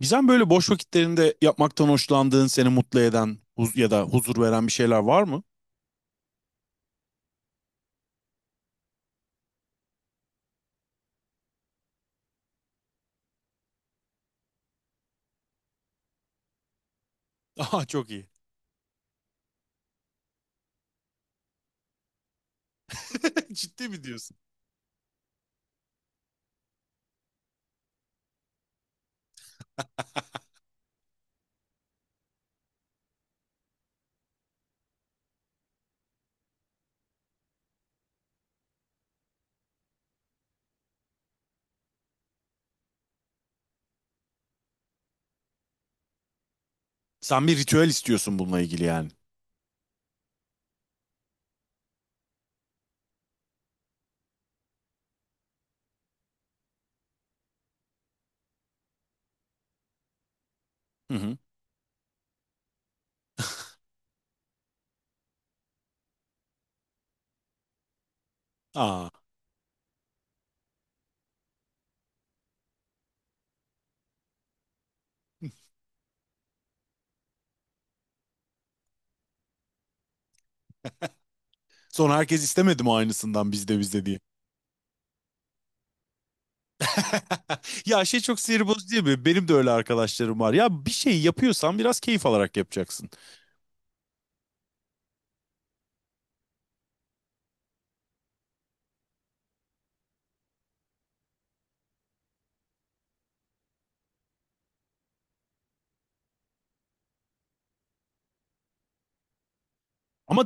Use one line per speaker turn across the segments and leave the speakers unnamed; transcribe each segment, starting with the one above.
Gizem böyle boş vakitlerinde yapmaktan hoşlandığın, seni mutlu eden huz ya da huzur veren bir şeyler var mı? Aha çok iyi. Ciddi mi diyorsun? Sen bir ritüel istiyorsun bununla ilgili yani. Hı hı. Aa. Sonra herkes istemedi mi aynısından bizde bizde diye. Ya şey çok sinir bozucu değil mi? Benim de öyle arkadaşlarım var. Ya bir şey yapıyorsan biraz keyif alarak yapacaksın. Ama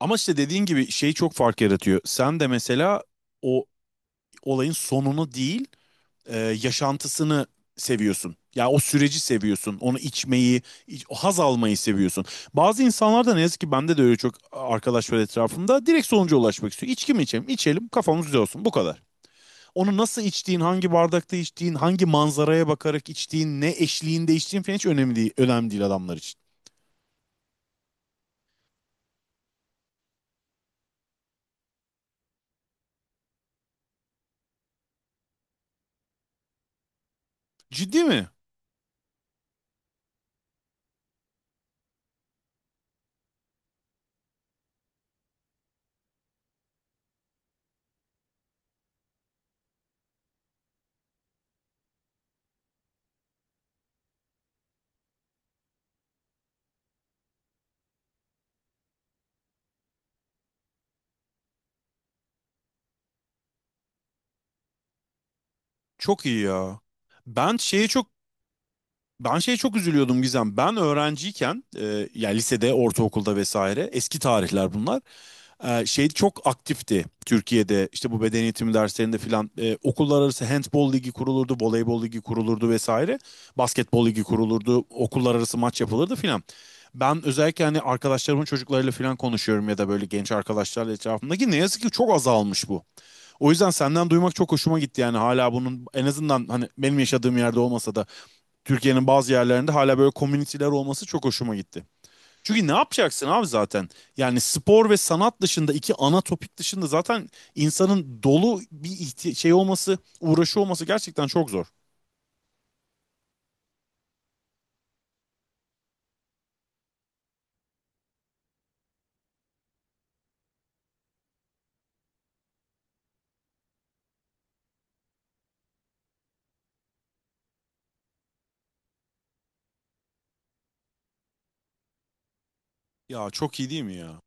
Ama işte dediğin gibi şey çok fark yaratıyor. Sen de mesela o olayın sonunu değil, yaşantısını seviyorsun. Ya o süreci seviyorsun. Onu içmeyi, haz almayı seviyorsun. Bazı insanlar da ne yazık ki bende de öyle çok arkadaş var etrafımda. Direkt sonuca ulaşmak istiyor. İçki mi içelim? İçelim, kafamız güzel olsun. Bu kadar. Onu nasıl içtiğin, hangi bardakta içtiğin, hangi manzaraya bakarak içtiğin, ne eşliğinde içtiğin falan hiç önemli değil, önemli değil adamlar için. Ciddi mi? Çok iyi ya. Ben şeye çok Ben şeye çok üzülüyordum Gizem. Ben öğrenciyken, yani lisede, ortaokulda vesaire, eski tarihler bunlar. Şey çok aktifti Türkiye'de. İşte bu beden eğitimi derslerinde filan okullar arası handbol ligi kurulurdu, voleybol ligi kurulurdu vesaire. Basketbol ligi kurulurdu, okullar arası maç yapılırdı filan. Ben özellikle hani arkadaşlarımın çocuklarıyla filan konuşuyorum ya da böyle genç arkadaşlarla etrafımdaki ne yazık ki çok azalmış bu. O yüzden senden duymak çok hoşuma gitti yani hala bunun en azından hani benim yaşadığım yerde olmasa da Türkiye'nin bazı yerlerinde hala böyle komüniteler olması çok hoşuma gitti. Çünkü ne yapacaksın abi zaten? Yani spor ve sanat dışında iki ana topik dışında zaten insanın dolu bir şey olması, uğraşı olması gerçekten çok zor. Ya çok iyi değil mi ya?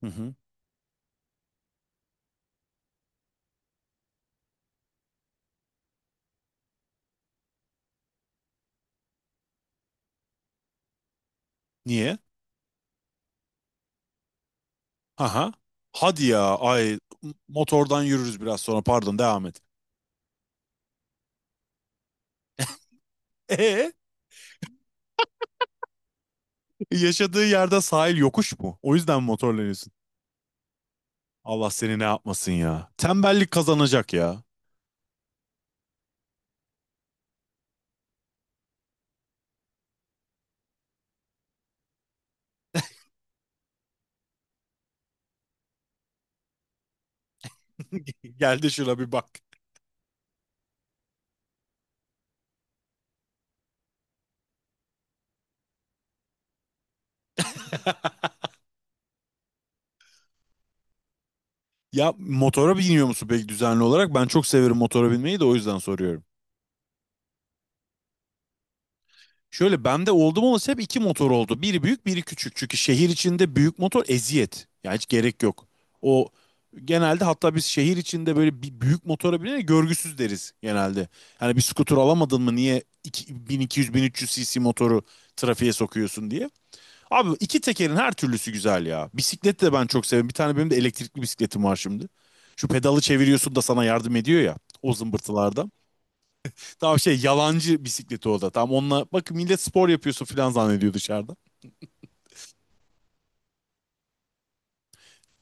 Hı hı. Niye? Haha. Hadi ya. Ay motordan yürürüz biraz sonra. Pardon devam et. Ee, yaşadığı yerde sahil yokuş mu? O yüzden mi motorlanıyorsun? Allah seni ne yapmasın ya. Tembellik kazanacak ya. Gel de şuna bir bak. Ya motora biniyor musun peki düzenli olarak? Ben çok severim motora binmeyi de o yüzden soruyorum. Şöyle bende oldum olası hep iki motor oldu. Biri büyük biri küçük. Çünkü şehir içinde büyük motor eziyet. Ya hiç gerek yok. O genelde hatta biz şehir içinde böyle bir büyük motora binene görgüsüz deriz genelde. Hani bir skuter alamadın mı niye 1200-1300 cc motoru trafiğe sokuyorsun diye. Abi iki tekerin her türlüsü güzel ya. Bisiklet de ben çok severim. Bir tane benim de elektrikli bisikletim var şimdi. Şu pedalı çeviriyorsun da sana yardım ediyor ya o zımbırtılarda. Tam şey yalancı bisikleti o da. Tam onunla bak millet spor yapıyorsun falan zannediyor dışarıda.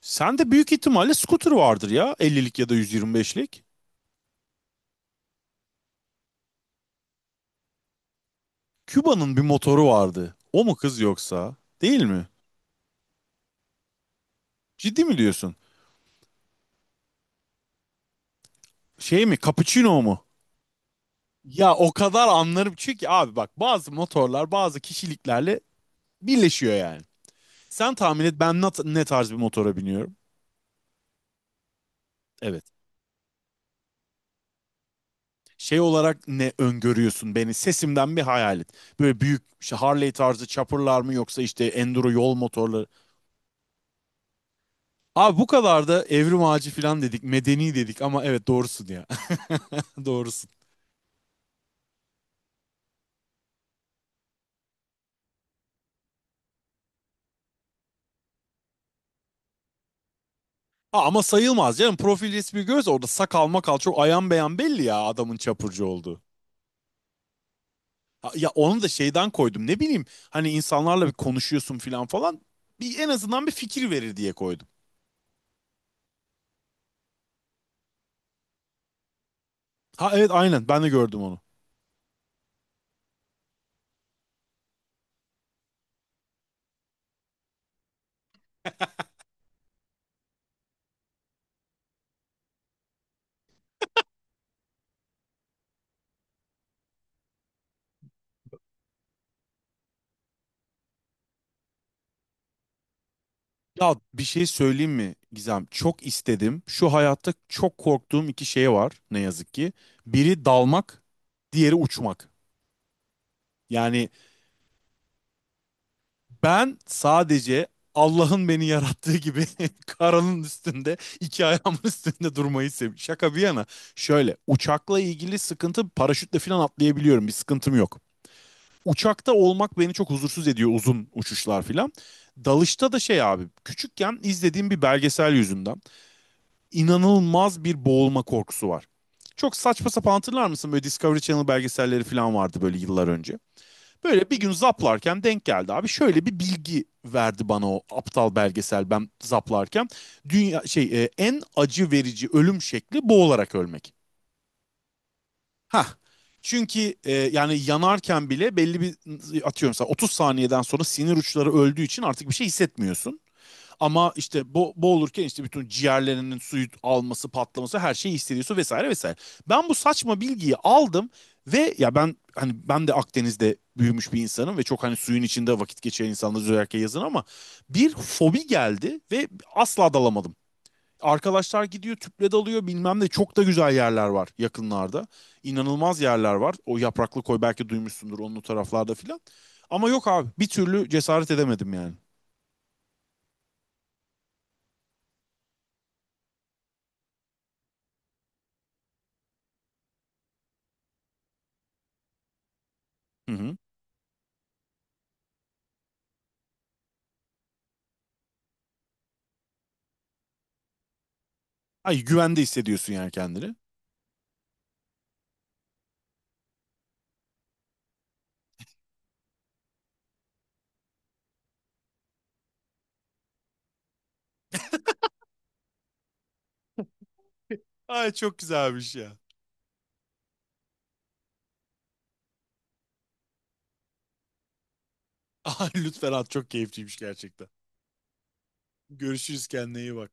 Sen de büyük ihtimalle scooter vardır ya 50'lik ya da 125'lik. Küba'nın bir motoru vardı. O mu kız yoksa? Değil mi? Ciddi mi diyorsun? Şey mi? Cappuccino mu? Ya o kadar anlarım çünkü abi bak bazı motorlar bazı kişiliklerle birleşiyor yani. Sen tahmin et ben ne tarz bir motora biniyorum? Evet. Şey olarak ne öngörüyorsun beni? Sesimden bir hayal et. Böyle büyük işte Harley tarzı chopper'lar mı yoksa işte enduro yol motorları. Abi bu kadar da evrim ağacı falan dedik, medeni dedik ama evet doğrusun ya. Doğrusun. Ha, ama sayılmaz canım. Profil resmi göz orada sakal makal çok ayan beyan belli ya adamın çapurcu olduğu. Ha, ya onu da şeyden koydum ne bileyim hani insanlarla bir konuşuyorsun falan falan bir en azından bir fikir verir diye koydum. Ha evet aynen ben de gördüm onu. Ya bir şey söyleyeyim mi Gizem? Çok istedim. Şu hayatta çok korktuğum iki şey var ne yazık ki. Biri dalmak, diğeri uçmak. Yani ben sadece Allah'ın beni yarattığı gibi karanın üstünde, iki ayağımın üstünde durmayı seviyorum. Şaka bir yana. Şöyle uçakla ilgili sıkıntı paraşütle falan atlayabiliyorum. Bir sıkıntım yok. Uçakta olmak beni çok huzursuz ediyor uzun uçuşlar filan. Dalışta da şey abi küçükken izlediğim bir belgesel yüzünden inanılmaz bir boğulma korkusu var. Çok saçma sapan hatırlar mısın böyle Discovery Channel belgeselleri falan vardı böyle yıllar önce. Böyle bir gün zaplarken denk geldi abi. Şöyle bir bilgi verdi bana o aptal belgesel ben zaplarken. Dünya şey en acı verici ölüm şekli boğularak ölmek. Ha. Çünkü yani yanarken bile belli bir atıyorum mesela 30 saniyeden sonra sinir uçları öldüğü için artık bir şey hissetmiyorsun. Ama işte boğulurken işte bütün ciğerlerinin suyu alması, patlaması her şeyi hissediyorsun vesaire vesaire. Ben bu saçma bilgiyi aldım ve ya ben hani ben de Akdeniz'de büyümüş bir insanım ve çok hani suyun içinde vakit geçiren insanlarız özellikle yazın ama bir fobi geldi ve asla dalamadım. Arkadaşlar gidiyor tüple dalıyor bilmem ne çok da güzel yerler var yakınlarda. İnanılmaz yerler var. O yapraklı koy belki duymuşsundur onun o taraflarda filan. Ama yok abi bir türlü cesaret edemedim yani. Hı hı. Ay güvende hissediyorsun yani kendini. Ay çok güzelmiş ya. Ay lütfen at çok keyifliymiş gerçekten. Görüşürüz kendine iyi bak.